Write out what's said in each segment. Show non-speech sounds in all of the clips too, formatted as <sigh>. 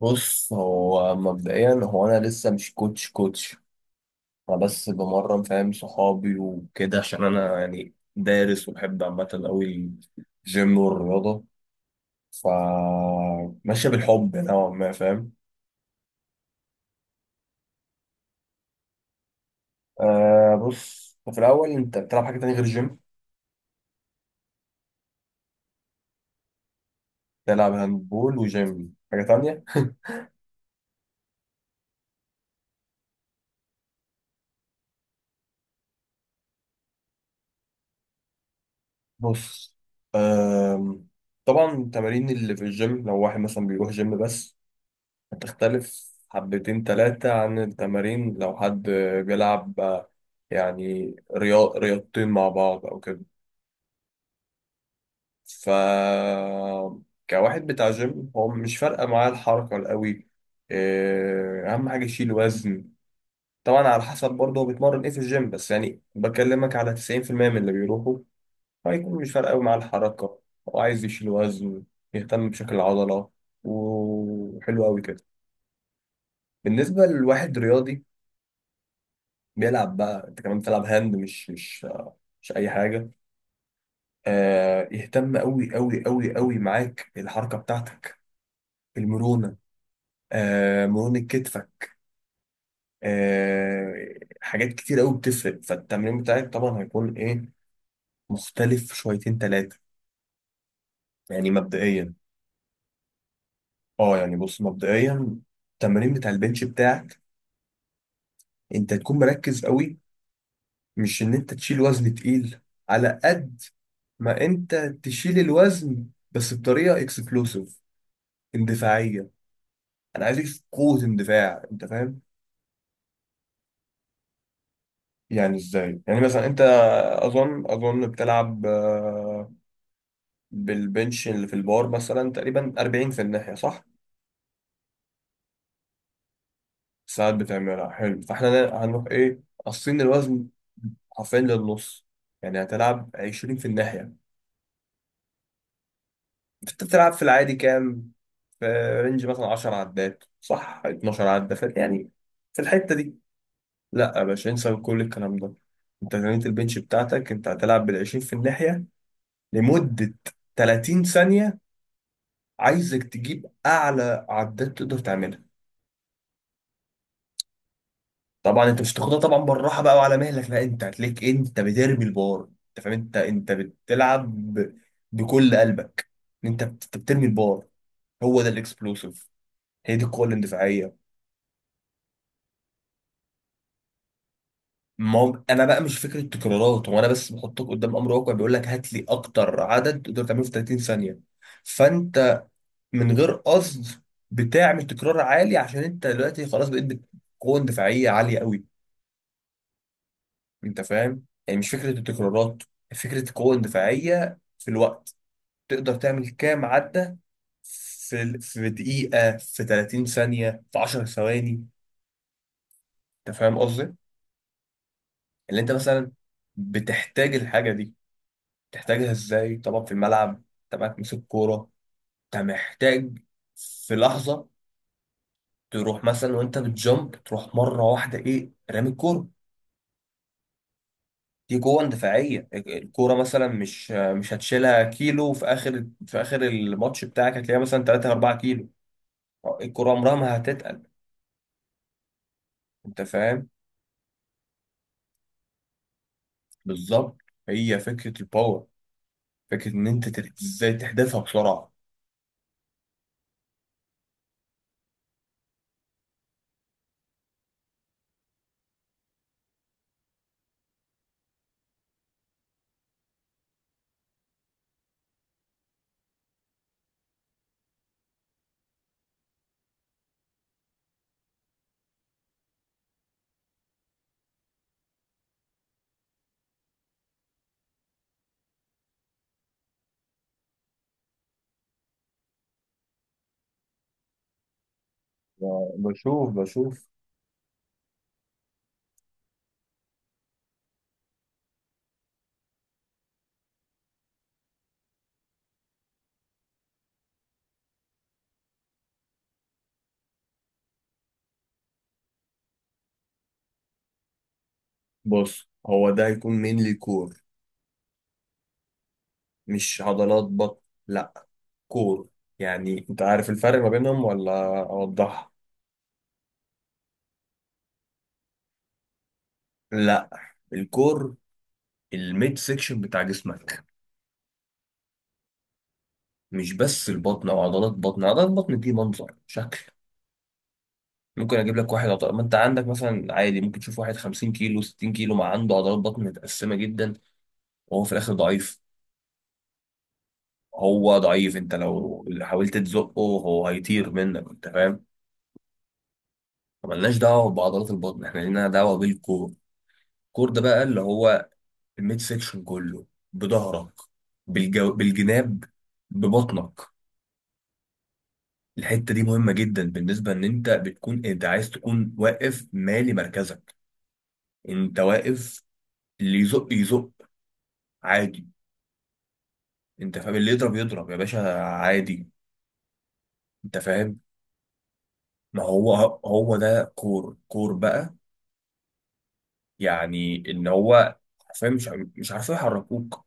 بص هو مبدئيا انا لسه مش كوتش كوتش، انا بس بمرن فاهم صحابي وكده، عشان انا يعني دارس وبحب عامه قوي الجيم والرياضه. ف ماشيه بالحب نوعا ما فاهم. آه، بص في الاول انت بتلعب حاجه تانية غير الجيم؟ تلعب هاندبول وجيم حاجه تانية. <laughs> بص، آم، طبعا التمارين اللي في الجيم لو واحد مثلا بيروح جيم بس هتختلف حبتين تلاتة عن التمارين لو حد بيلعب يعني رياض رياضتين مع بعض أو كده. ف كواحد بتاع جيم هو مش فارقة معاه الحركة القوي. إيه، أهم حاجة يشيل وزن. طبعا على حسب برضه هو بيتمرن إيه في الجيم، بس يعني بكلمك على 90% من اللي بيروحوا هيكون مش فارقة قوي معاه الحركة. هو عايز يشيل وزن، يهتم بشكل العضلة، وحلو أوي كده. بالنسبة لواحد رياضي بيلعب بقى، انت كمان بتلعب هاند، مش اي حاجه. آه، يهتم قوي قوي قوي قوي معاك الحركه بتاعتك، المرونه. آه، مرونه كتفك. آه، حاجات كتير قوي بتفرق فالتمرين بتاعك. طبعا هيكون ايه مختلف شويتين ثلاثه، يعني مبدئيا. اه يعني بص مبدئيا، التمرين بتاع البنش بتاعك انت تكون مركز قوي، مش ان انت تشيل وزن تقيل. على قد ما انت تشيل الوزن بس بطريقه اكسبلوسيف اندفاعيه. انا عايز اكشف قوه اندفاع، انت فاهم؟ يعني ازاي، يعني مثلا انت اظن بتلعب بالبنش اللي في البار مثلا تقريبا 40 في الناحيه، صح؟ ساعات بتعملها؟ حلو. فاحنا هنروح ايه، قاصين الوزن حرفيا للنص، يعني هتلعب 20 في الناحيه. انت بتلعب في العادي كام، في رينج مثلا 10 عدات صح، 12 عده في يعني، في الحته دي. لا يا باشا، انسى كل الكلام ده. انت تمرينة البنش بتاعتك انت هتلعب بال 20 في الناحيه لمدة 30 ثانية. عايزك تجيب أعلى عداد تقدر تعملها. طبعا أنت مش هتاخدها طبعا بالراحة بقى وعلى مهلك، لا أنت هتلاقيك أنت بترمي البار. أنت فاهم؟ أنت بتلعب بكل قلبك. أنت بترمي البار. هو ده الإكسبلوسيف، هي دي القوة الاندفاعية. ما هو أنا بقى مش فكرة تكرارات، هو أنا بس بحطك قدام أمر واقع بيقول لك هات لي أكتر عدد تقدر تعمله في 30 ثانية. فأنت من غير قصد بتعمل تكرار عالي، عشان انت دلوقتي خلاص بقيت قوة دفاعية عالية قوي. انت فاهم؟ يعني مش فكرة التكرارات، فكرة القوة الدفاعية في الوقت. تقدر تعمل كام عدة في دقيقة، في 30 ثانية، في 10 ثواني. انت فاهم قصدي؟ اللي انت مثلا بتحتاج الحاجة دي تحتاجها ازاي؟ طبعا في الملعب انت معاك مسك كورة، انت محتاج في لحظة تروح مثلا وانت بتجمب تروح مرة واحدة، ايه، رامي الكورة. دي قوة دفاعية. الكورة مثلا مش هتشيلها كيلو، في آخر الماتش بتاعك هتلاقيها مثلا 3 4 كيلو. الكورة عمرها ما هتتقل. أنت فاهم؟ بالظبط، هي فكرة الباور، فكرة إن أنت إزاي تحدفها بسرعة. بشوف بشوف. بص هو ده هيكون مينلي كور، مش عضلات بطن. لا، كور. يعني أنت عارف الفرق ما بينهم ولا أوضحها؟ لا، الكور الميد سيكشن بتاع جسمك، مش بس البطن او عضلات بطن. عضلات بطن دي منظر شكل. ممكن اجيب لك واحد عضلات ما انت عندك، مثلا عادي ممكن تشوف واحد 50 كيلو 60 كيلو ما عنده عضلات بطن متقسمه جدا وهو في الاخر ضعيف. هو ضعيف، انت لو حاولت تزقه هو هيطير منك. انت فاهم؟ ملناش دعوه بعضلات البطن، احنا لينا دعوه بالكور. الكور ده بقى اللي هو الميد سيكشن كله، بظهرك، بالجناب، ببطنك. الحته دي مهمه جدا، بالنسبه ان انت بتكون انت عايز تكون واقف مالي مركزك. انت واقف، اللي يزق يزق عادي. انت فاهم؟ اللي يضرب يضرب يا باشا عادي. انت فاهم؟ ما هو، هو ده كور. كور بقى، يعني ان هو حرفيا مش مش عارفين يحركوك.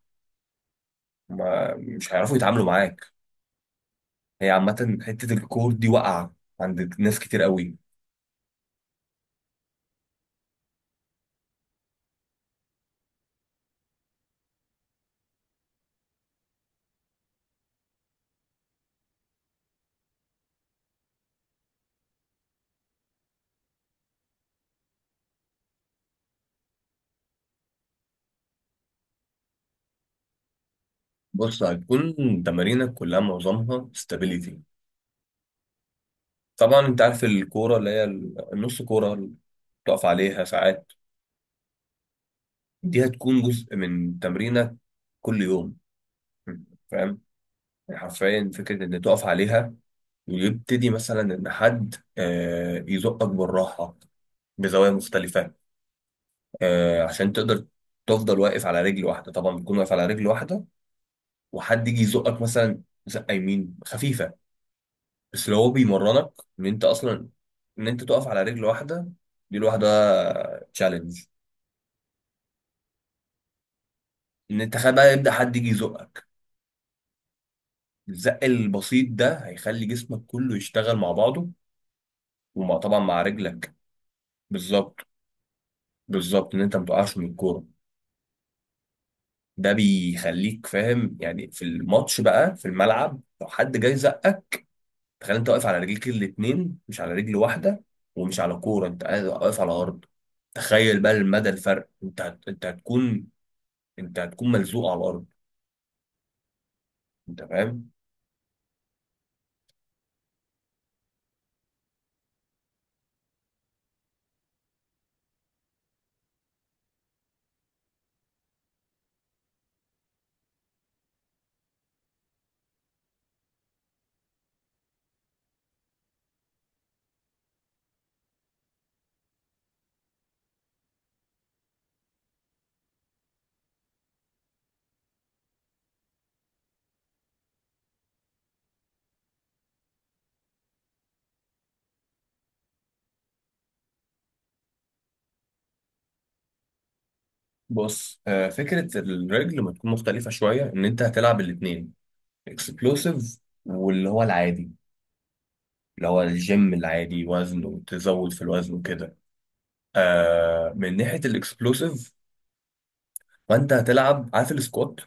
ما مش هيعرفوا يتعاملوا معاك. هي عامة حتة الكور دي واقعة عند ناس كتير قوي. بص هتكون تمارينك كلها معظمها استابيليتي. طبعا انت عارف الكورة اللي هي النص كورة اللي بتقف عليها ساعات، دي هتكون جزء من تمرينك كل يوم. فاهم؟ يعني حرفيا فكرة إن تقف عليها ويبتدي مثلا إن حد يزقك بالراحة بزوايا مختلفة، عشان تقدر تفضل واقف على رجل واحدة. طبعا بتكون واقف على رجل واحدة وحد يجي يزقك مثلا زقة يمين خفيفة. بس لو هو بيمرنك إن أنت أصلا إن أنت تقف على رجل واحدة، دي لوحدها تشالنج. إن أنت تخيل بقى يبدأ حد يجي يزقك، الزق البسيط ده هيخلي جسمك كله يشتغل مع بعضه، ومع طبعا مع رجلك. بالظبط، بالظبط ان انت ما تقعش من الكوره. ده بيخليك فاهم يعني في الماتش بقى في الملعب لو حد جاي زقك، تخيل انت واقف على رجليك الاتنين مش على رجل واحده ومش على كوره، انت قاعد واقف على ارض. تخيل بقى المدى الفرق، انت هتكون ملزوق على الارض. انت فاهم؟ بص فكره الرجل ما تكون مختلفه شويه، ان انت هتلعب الاتنين اكسبلوسيف واللي هو العادي، اللي هو الجيم العادي وزن وتزود في الوزن وكده. آه من ناحيه الاكسبلوسيف فانت هتلعب، عارف السكوات؟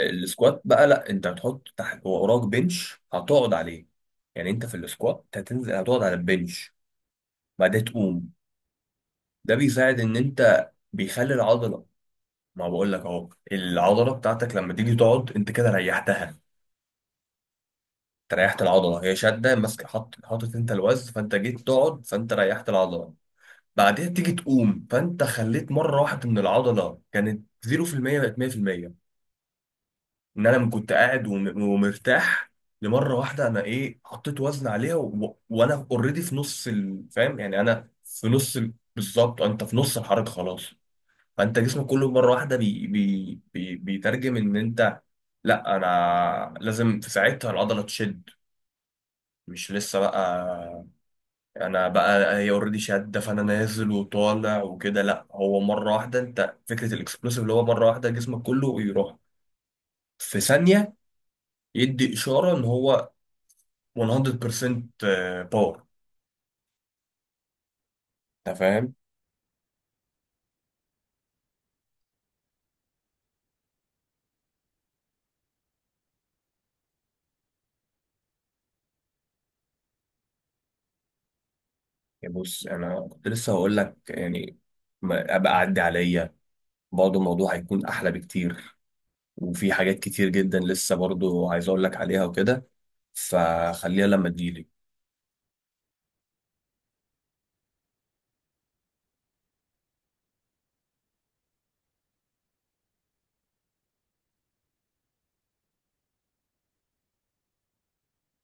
السكوات بقى لا، انت هتحط تحت وراك بنش هتقعد عليه. يعني انت في السكوات هتنزل هتقعد على البنش بعدين تقوم. ده بيساعد ان انت بيخلي العضله. ما بقول لك اهو، العضله بتاعتك لما تيجي تقعد انت كده ريحتها. انت ريحت العضله هي شاده ماسك، حط حاطط انت الوزن، فانت جيت تقعد فانت ريحت العضله. بعدين تيجي تقوم فانت خليت مره واحده من العضله كانت 0% بقت 100%. ان انا كنت قاعد ومرتاح، لمره واحده انا ايه حطيت وزن عليها وانا اوريدي في نص فاهم يعني انا في نص بالظبط انت في نص الحركه خلاص. فانت جسمك كله مره واحده بيترجم ان انت لا انا لازم في ساعتها العضله تشد، مش لسه بقى. انا بقى هي اوريدي شاده فانا نازل وطالع وكده، لا هو مره واحده، انت فكره الاكسبلوسيف اللي هو مره واحده جسمك كله يروح في ثانيه، يدي اشاره ان هو 100% باور. انت فاهم؟ يعني بص انا كنت لسه هقول لك، يعني ابقى عدي عليا. برضه الموضوع هيكون احلى بكتير، وفي حاجات كتير جدا لسه برضه عايز اقول لك عليها وكده. فخليها لما تجيلي.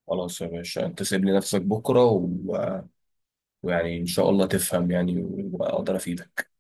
خلاص يا باشا، انت سيب لي نفسك بكره ويعني ان شاء الله تفهم يعني واقدر افيدك.